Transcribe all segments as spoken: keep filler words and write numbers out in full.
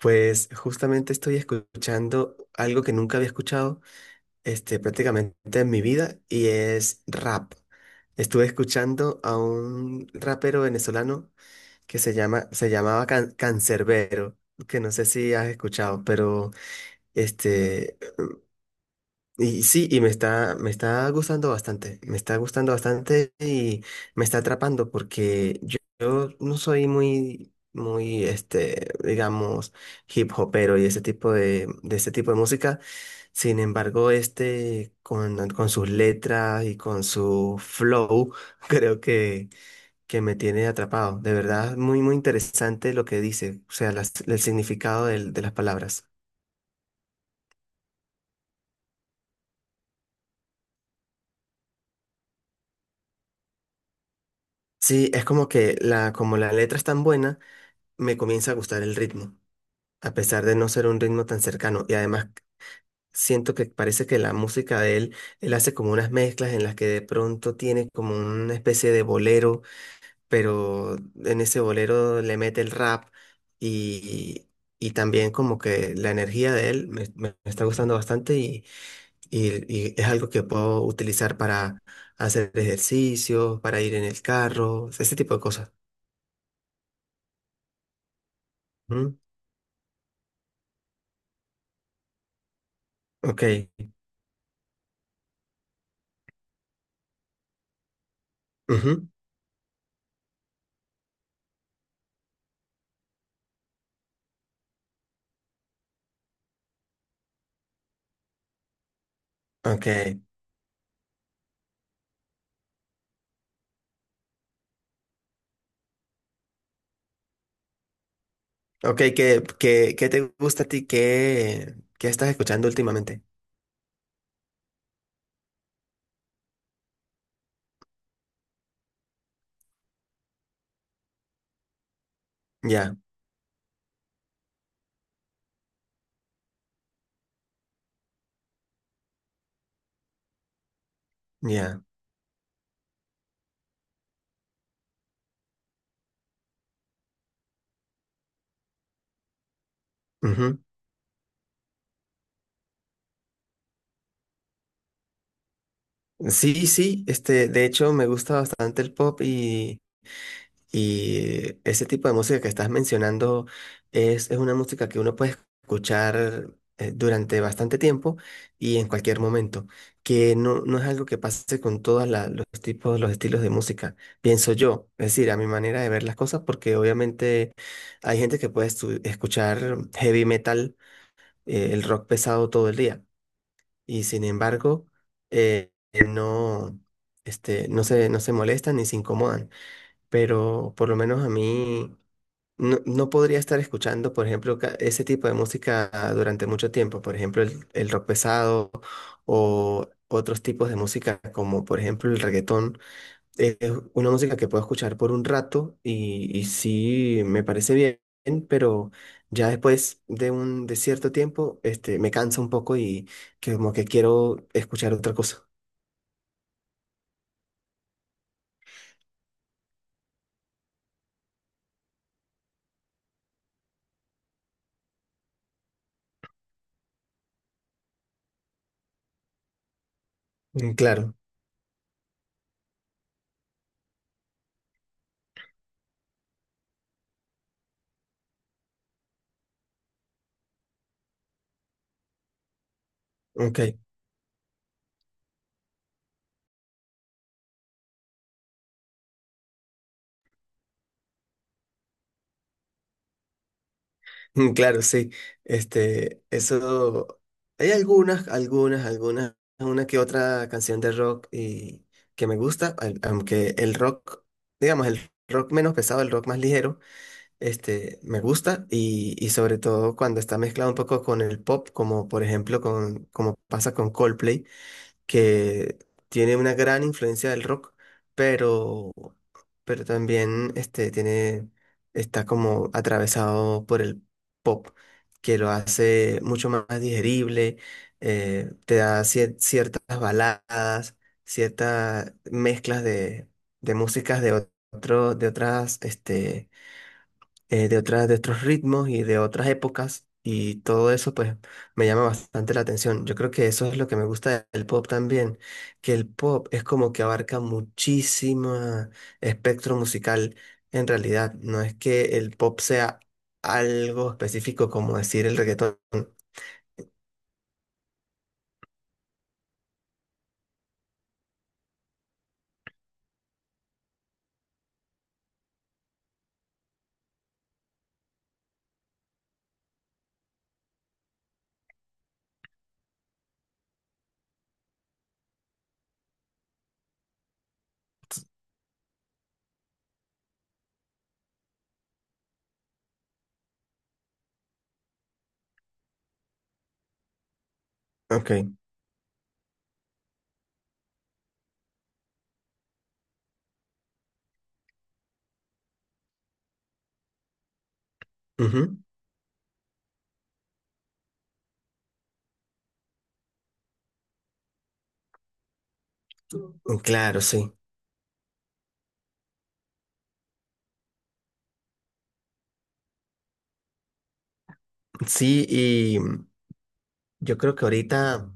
Pues justamente estoy escuchando algo que nunca había escuchado, este, prácticamente en mi vida, y es rap. Estuve escuchando a un rapero venezolano que se llama, se llamaba Can- Cancerbero, que no sé si has escuchado, pero este, y sí, y me está, me está gustando bastante, me está gustando bastante y me está atrapando porque yo, yo no soy muy, muy, este, digamos, hip hopero y ese tipo de, de ese tipo de música. Sin embargo, este, con, con sus letras y con su flow, creo que, que me tiene atrapado. De verdad, muy, muy interesante lo que dice, o sea, las- el significado del- de las palabras. Sí, es como que la, como la letra es tan buena, me comienza a gustar el ritmo, a pesar de no ser un ritmo tan cercano. Y además siento que parece que la música de él, él hace como unas mezclas en las que de pronto tiene como una especie de bolero, pero en ese bolero le mete el rap y, y también como que la energía de él me, me me está gustando bastante y, y, y es algo que puedo utilizar para hacer ejercicio, para ir en el carro, ese tipo de cosas. Ujú. Ok. Ujú. Ok. Ok, ¿qué, qué, qué te gusta a ti? ¿Qué, qué estás escuchando últimamente? Ya, ya. Ujú. Sí, sí, este, de hecho me gusta bastante el pop. y, Y ese tipo de música que estás mencionando es, es una música que uno puede escuchar, eh, durante bastante tiempo y en cualquier momento, que no, no es algo que pase con todos los tipos, los estilos de música, pienso yo, es decir, a mi manera de ver las cosas, porque obviamente hay gente que puede estu- escuchar heavy metal, eh, el rock pesado todo el día, y sin embargo, eh, no, este, no se, no se molestan ni se incomodan, pero por lo menos a mí no, no podría estar escuchando, por ejemplo, ca- ese tipo de música durante mucho tiempo, por ejemplo, el, el rock pesado o otros tipos de música como por ejemplo el reggaetón. Es una música que puedo escuchar por un rato y, y sí me parece bien. Pero ya después de un de cierto tiempo, este, me cansa un poco y que como que quiero escuchar otra cosa. Mm, claro, ok. Mm, claro, sí. Este, eso. Hay algunas, algunas, algunas, una que otra canción de rock y que me gusta, al- aunque el rock, digamos, el rock menos pesado, el rock más ligero, este, me gusta, y, y sobre todo cuando está mezclado un poco con el pop, como por ejemplo con, como pasa con Coldplay, que tiene una gran influencia del rock, pero también este tiene está como atravesado por el pop, que lo hace mucho más digerible. Eh, te da cier- ciertas baladas, ciertas mezclas de, de músicas de otro, de otras, este eh, de otras, de otros ritmos y de otras épocas, y todo eso pues me llama bastante la atención. Yo creo que eso es lo que me gusta del pop también, que el pop es como que abarca muchísimo espectro musical en realidad. No es que el pop sea algo específico como decir el reggaetón. Ok. Ujú. Claro, sí. Sí, y yo creo que ahorita...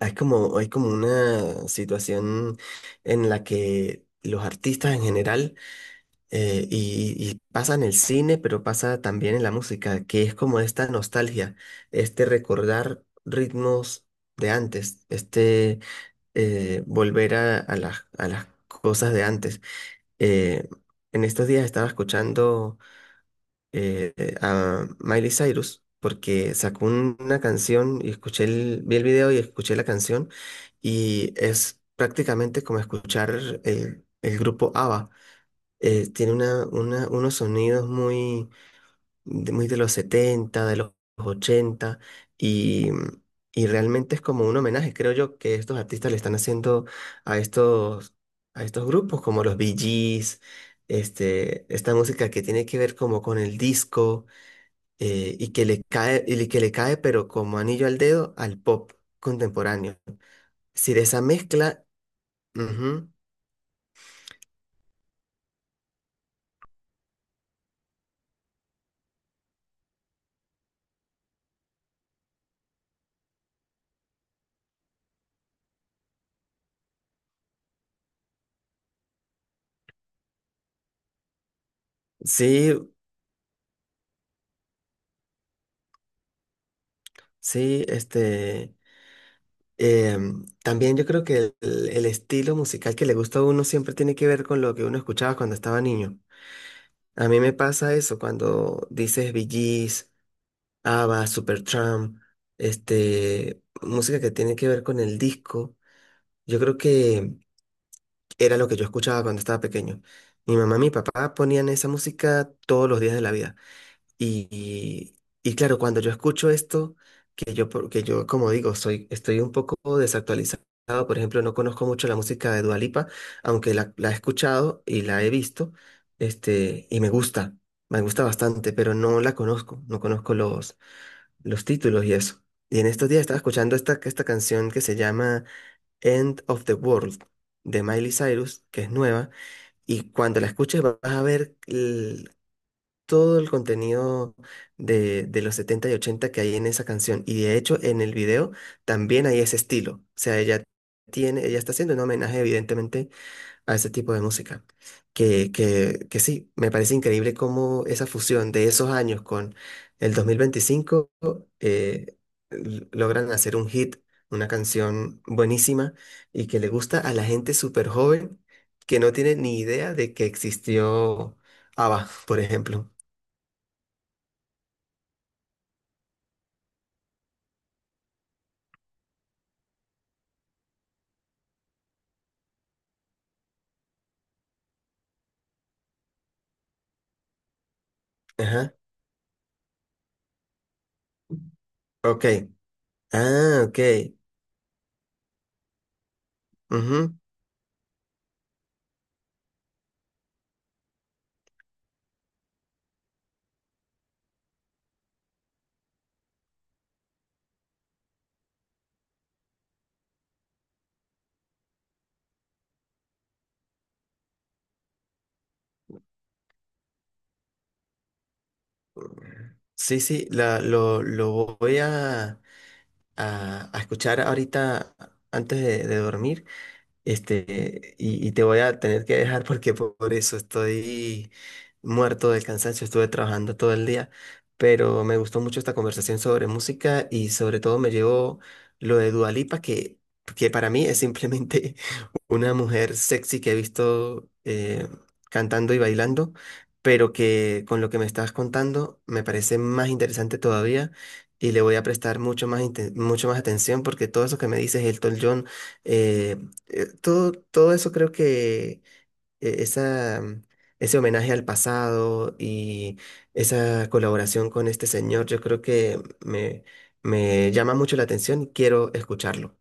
Hay como, hay como una situación en la que los artistas en general, eh, y, y pasa en el cine, pero pasa también en la música, que es como esta nostalgia, este recordar ritmos de antes, este eh, volver a, a las, a las cosas de antes. Eh, en estos días estaba escuchando, eh, a Miley Cyrus porque sacó un- una canción, y escuché el, vi el video y escuché la canción, y es prácticamente como escuchar el, el grupo ABBA. Eh, tiene una, una- unos sonidos muy de, muy de los setenta, de los ochenta, y, y realmente es como un homenaje, creo yo, que estos artistas le están haciendo a estos, a estos grupos como los Bee Gees, este, esta música que tiene que ver como con el disco, eh, y que le cae, y que le cae, pero como anillo al dedo, al pop contemporáneo. Si de esa mezcla, ujú, sí, sí, este, em, también yo creo que el, el estilo musical que le gusta a uno siempre tiene que ver con lo que uno escuchaba cuando estaba niño. A mí me pasa eso cuando dices Bee Gees, ABBA, Supertramp, este, música que tiene que ver con el disco. Yo creo que era lo que yo escuchaba cuando estaba pequeño. Mi mamá y mi papá ponían esa música todos los días de la vida. Y, y, y claro, cuando yo escucho esto, que yo, por- que yo, como digo, soy, estoy un poco desactualizado. Por ejemplo, no conozco mucho la música de Dua Lipa, aunque la, la he escuchado y la he visto, este, y me gusta, me gusta bastante, pero no la conozco, no conozco los, los títulos y eso. Y en estos días estaba escuchando esta, esta canción que se llama End of the World, de Miley Cyrus, que es nueva, y cuando la escuches vas a ver el- todo el contenido de, de los setenta y ochenta que hay en esa canción. Y de hecho en el video también hay ese estilo. O sea, ella tiene, ella está haciendo un homenaje evidentemente a ese tipo de música. Que, que, que sí, me parece increíble cómo esa fusión de esos años con el dos mil veinticinco, eh, l- logran hacer un hit, una canción buenísima, y que le gusta a la gente súper joven que no tiene ni idea de que existió ABBA, por ejemplo. Ajá, ok. Ah, ok. Ujú. Sí, sí, la- lo, lo voy a, a, a escuchar ahorita antes de de dormir. Este, y, y te voy a tener que dejar porque po- por eso estoy muerto del cansancio, estuve trabajando todo el día, pero me gustó mucho esta conversación sobre música, y sobre todo me llevo lo de Dua Lipa, que, que para mí es simplemente una mujer sexy que he visto, eh, cantando y bailando, pero que con lo que me estás contando me parece más interesante todavía, y le voy a prestar mucho más, inte- mucho más atención, porque todo eso que me dices, Elton John, eh, eh, todo, todo eso creo que, eh, esa, ese homenaje al pasado y esa colaboración con este señor, yo creo que me, me llama mucho la atención y quiero escucharlo.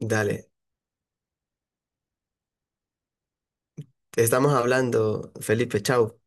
Dale. Estamos hablando, Felipe, chao.